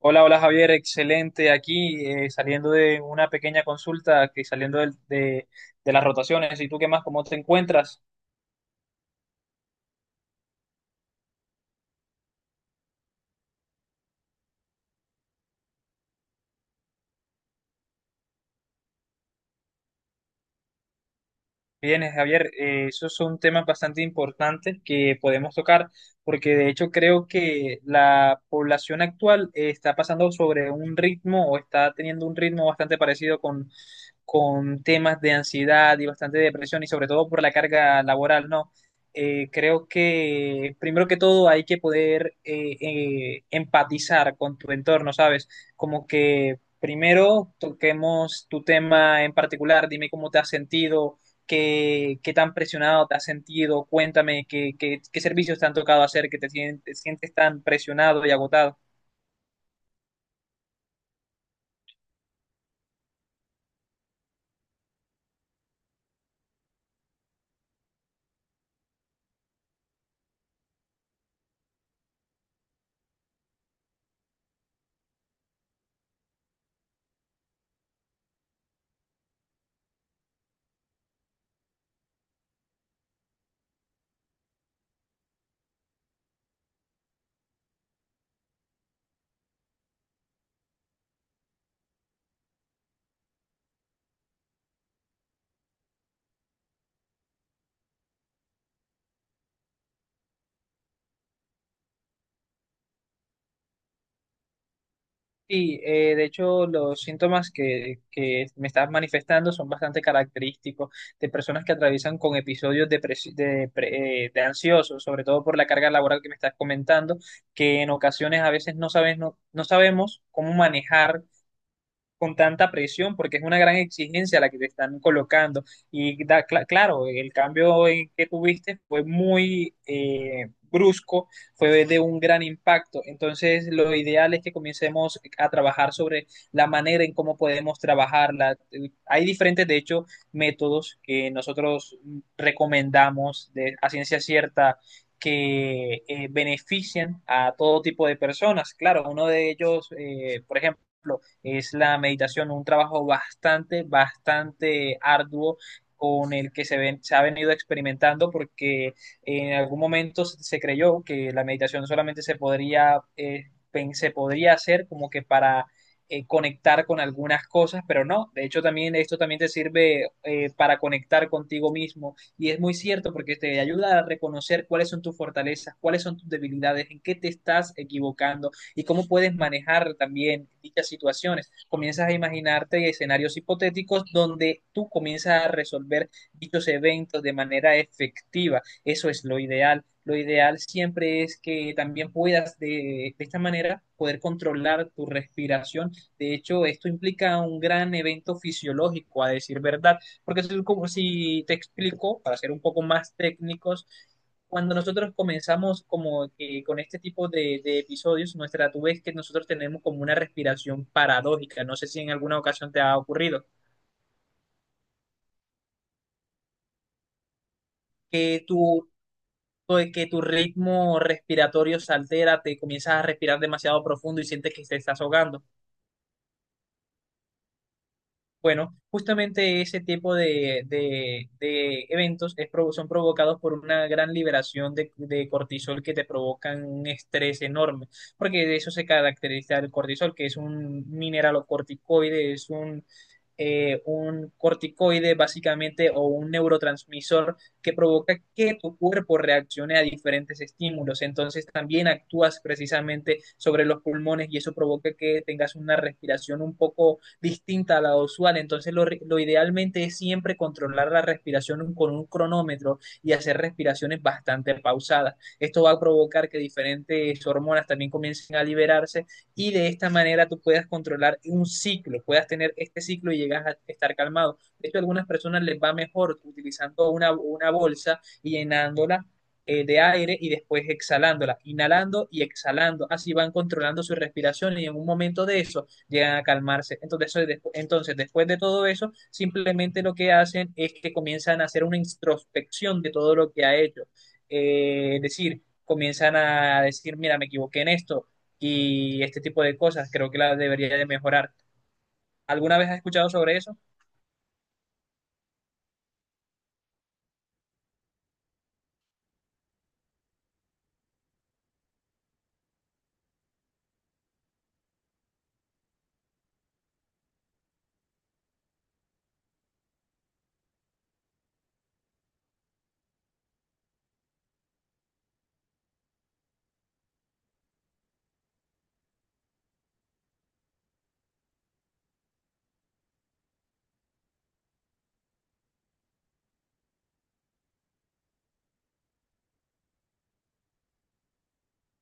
Hola, hola Javier, excelente. Aquí saliendo de una pequeña consulta, que saliendo del- de las rotaciones. ¿Y tú qué más? ¿Cómo te encuentras? Bien, Javier, esos son temas bastante importantes que podemos tocar, porque de hecho creo que la población actual está pasando sobre un ritmo o está teniendo un ritmo bastante parecido con temas de ansiedad y bastante depresión y sobre todo por la carga laboral, ¿no? Creo que primero que todo hay que poder empatizar con tu entorno, ¿sabes? Como que primero toquemos tu tema en particular, dime cómo te has sentido. Qué tan presionado te has sentido? Cuéntame qué servicios te han tocado hacer que sientes tan presionado y agotado. Sí, de hecho los síntomas que me estás manifestando son bastante característicos de personas que atraviesan con episodios de, pres- de, pre- de ansiosos, sobre todo por la carga laboral que me estás comentando, que en ocasiones a veces no sabes, no sabemos cómo manejar con tanta presión, porque es una gran exigencia la que te están colocando. Y claro, el cambio en que tuviste fue muy brusco, fue de un gran impacto. Entonces, lo ideal es que comencemos a trabajar sobre la manera en cómo podemos trabajarla. Hay diferentes, de hecho, métodos que nosotros recomendamos de, a ciencia cierta, que benefician a todo tipo de personas. Claro, uno de ellos, por ejemplo, es la meditación, un trabajo bastante arduo con el que se ha venido experimentando porque en algún momento creyó que la meditación solamente se podría hacer como que para conectar con algunas cosas, pero no, de hecho también esto también te sirve para conectar contigo mismo y es muy cierto porque te ayuda a reconocer cuáles son tus fortalezas, cuáles son tus debilidades, en qué te estás equivocando y cómo puedes manejar también dichas situaciones. Comienzas a imaginarte escenarios hipotéticos donde tú comienzas a resolver dichos eventos de manera efectiva. Eso es lo ideal. Lo ideal siempre es que también puedas de esta manera poder controlar tu respiración. De hecho, esto implica un gran evento fisiológico, a decir verdad, porque es como si te explico, para ser un poco más técnicos, cuando nosotros comenzamos como que con este tipo de episodios, nuestra tú ves que nosotros tenemos como una respiración paradójica. No sé si en alguna ocasión te ha ocurrido que tu, pues, que tu ritmo respiratorio se altera, te comienzas a respirar demasiado profundo y sientes que te estás ahogando. Bueno, justamente ese tipo de, de eventos son provocados por una gran liberación de cortisol que te provocan un estrés enorme, porque de eso se caracteriza el cortisol, que es un mineralocorticoide, es un corticoide básicamente o un neurotransmisor que provoca que tu cuerpo reaccione a diferentes estímulos. Entonces también actúas precisamente sobre los pulmones y eso provoca que tengas una respiración un poco distinta a la usual. Entonces lo idealmente es siempre controlar la respiración con un cronómetro y hacer respiraciones bastante pausadas. Esto va a provocar que diferentes hormonas también comiencen a liberarse y de esta manera tú puedas controlar un ciclo, puedas tener este ciclo y llegas a estar calmado. De hecho, a algunas personas les va mejor utilizando una bolsa y llenándola de aire y después exhalándola, inhalando y exhalando. Así van controlando su respiración y en un momento de eso llegan a calmarse. Entonces, después de todo eso, simplemente lo que hacen es que comienzan a hacer una introspección de todo lo que ha hecho. Es decir, comienzan a decir, mira, me equivoqué en esto, y este tipo de cosas. Creo que la debería de mejorar. ¿Alguna vez has escuchado sobre eso?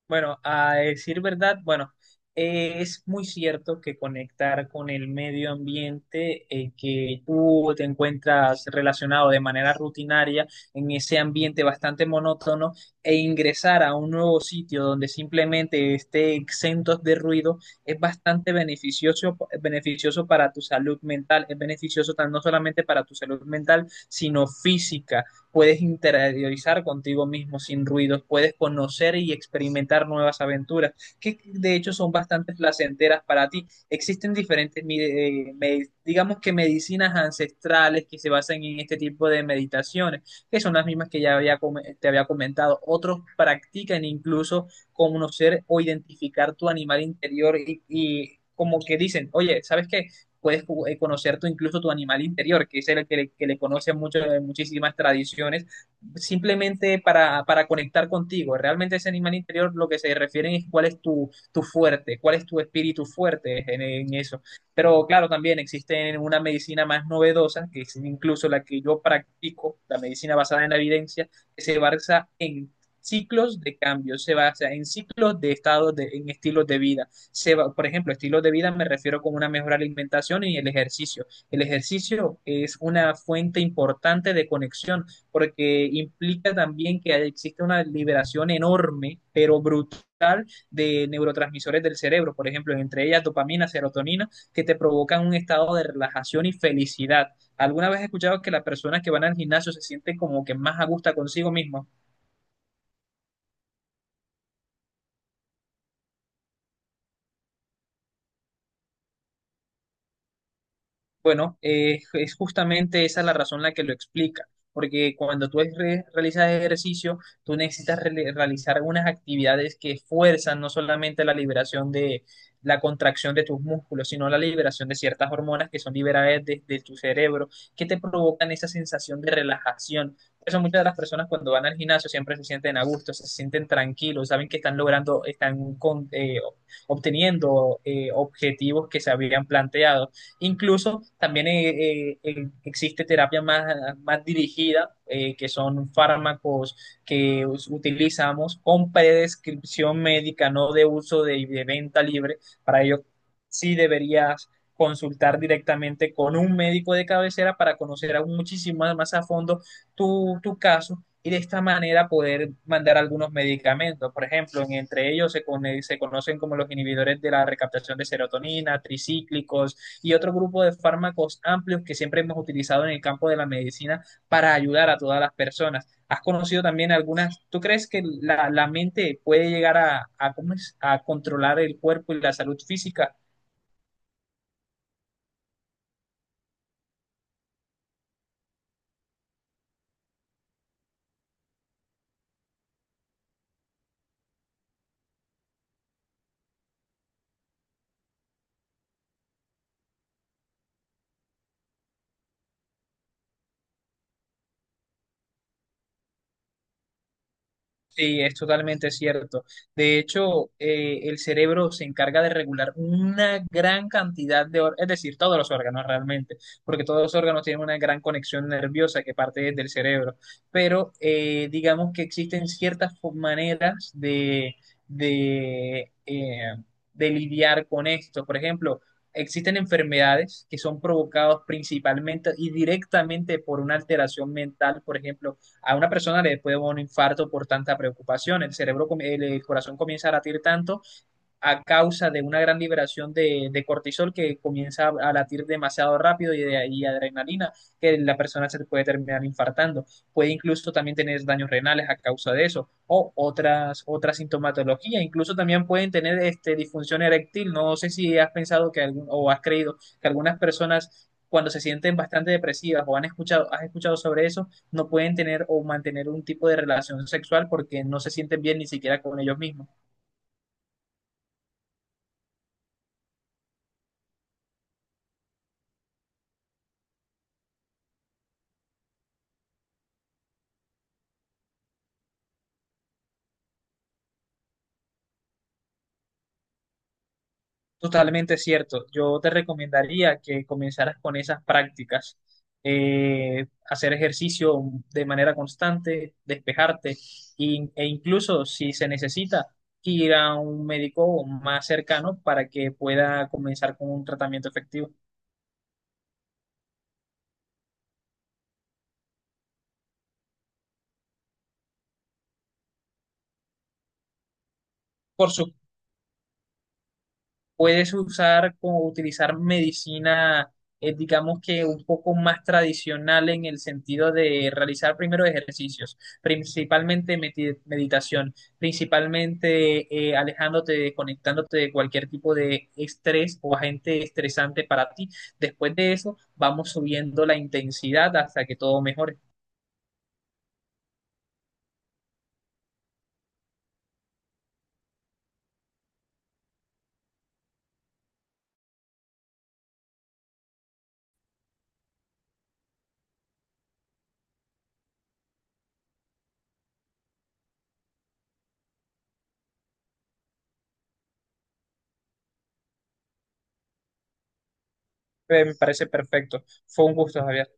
Bueno, a decir verdad, bueno, es muy cierto que conectar con el medio ambiente que tú te encuentras relacionado de manera rutinaria en ese ambiente bastante monótono e ingresar a un nuevo sitio donde simplemente esté exentos de ruido es bastante beneficioso, beneficioso para tu salud mental, es beneficioso no solamente para tu salud mental, sino física, puedes interiorizar contigo mismo sin ruidos, puedes conocer y experimentar nuevas aventuras, que de hecho son bastante placenteras para ti. Existen diferentes, digamos que medicinas ancestrales que se basan en este tipo de meditaciones, que son las mismas que te había comentado. Otros practican incluso conocer o identificar tu animal interior y como que dicen, oye, ¿sabes qué? Puedes conocer tu, incluso tu animal interior, que es el que que le conoce mucho, muchísimas tradiciones, simplemente para conectar contigo. Realmente ese animal interior lo que se refieren es cuál es tu fuerte, cuál es tu espíritu fuerte eso. Pero claro, también existe una medicina más novedosa, que es incluso la que yo practico, la medicina basada en la evidencia, que se basa en ciclos de cambio, se basa en ciclos de estados, en estilos de vida se va, por ejemplo, estilo de vida me refiero con una mejor alimentación y el ejercicio. El ejercicio es una fuente importante de conexión porque implica también que existe una liberación enorme, pero brutal de neurotransmisores del cerebro, por ejemplo, entre ellas dopamina, serotonina, que te provocan un estado de relajación y felicidad. ¿Alguna vez has escuchado que las personas que van al gimnasio se sienten como que más a gusto consigo mismas? Bueno, es justamente esa la razón la que lo explica, porque cuando tú realizas ejercicio, tú necesitas realizar unas actividades que fuerzan no solamente la liberación de la contracción de tus músculos, sino la liberación de ciertas hormonas que son liberadas desde tu cerebro, que te provocan esa sensación de relajación. Por eso muchas de las personas cuando van al gimnasio siempre se sienten a gusto, se sienten tranquilos, saben que están logrando, obteniendo objetivos que se habían planteado. Incluso también existe terapia más dirigida, que son fármacos que utilizamos con prescripción médica, no de uso de venta libre. Para ello, sí deberías consultar directamente con un médico de cabecera para conocer aún muchísimo más a fondo tu caso y de esta manera poder mandar algunos medicamentos. Por ejemplo, entre ellos conocen como los inhibidores de la recaptación de serotonina, tricíclicos y otro grupo de fármacos amplios que siempre hemos utilizado en el campo de la medicina para ayudar a todas las personas. ¿Has conocido también algunas? ¿Tú crees que la mente puede llegar cómo es, a controlar el cuerpo y la salud física? Sí, es totalmente cierto. De hecho, el cerebro se encarga de regular una gran cantidad de órganos, es decir, todos los órganos realmente, porque todos los órganos tienen una gran conexión nerviosa que parte desde el cerebro. Pero digamos que existen ciertas maneras de, eh, de lidiar con esto. Por ejemplo, existen enfermedades que son provocadas principalmente y directamente por una alteración mental, por ejemplo a una persona le puede dar un infarto por tanta preocupación, el corazón comienza a latir tanto a causa de una gran liberación de cortisol que comienza a latir demasiado rápido y adrenalina, que la persona se puede terminar infartando. Puede incluso también tener daños renales a causa de eso otra sintomatología. Incluso también pueden tener este, disfunción eréctil. No sé si has pensado que algún, o has creído que algunas personas cuando se sienten bastante depresivas o han escuchado, has escuchado sobre eso, no pueden tener o mantener un tipo de relación sexual porque no se sienten bien ni siquiera con ellos mismos. Totalmente cierto. Yo te recomendaría que comenzaras con esas prácticas. Hacer ejercicio de manera constante, despejarte e incluso si se necesita ir a un médico más cercano para que pueda comenzar con un tratamiento efectivo. Por su- puedes usar como utilizar medicina, digamos que un poco más tradicional en el sentido de realizar primero ejercicios, principalmente meditación, principalmente alejándote, desconectándote de cualquier tipo de estrés o agente estresante para ti. Después de eso, vamos subiendo la intensidad hasta que todo mejore. Me parece perfecto. Fue un gusto, Javier.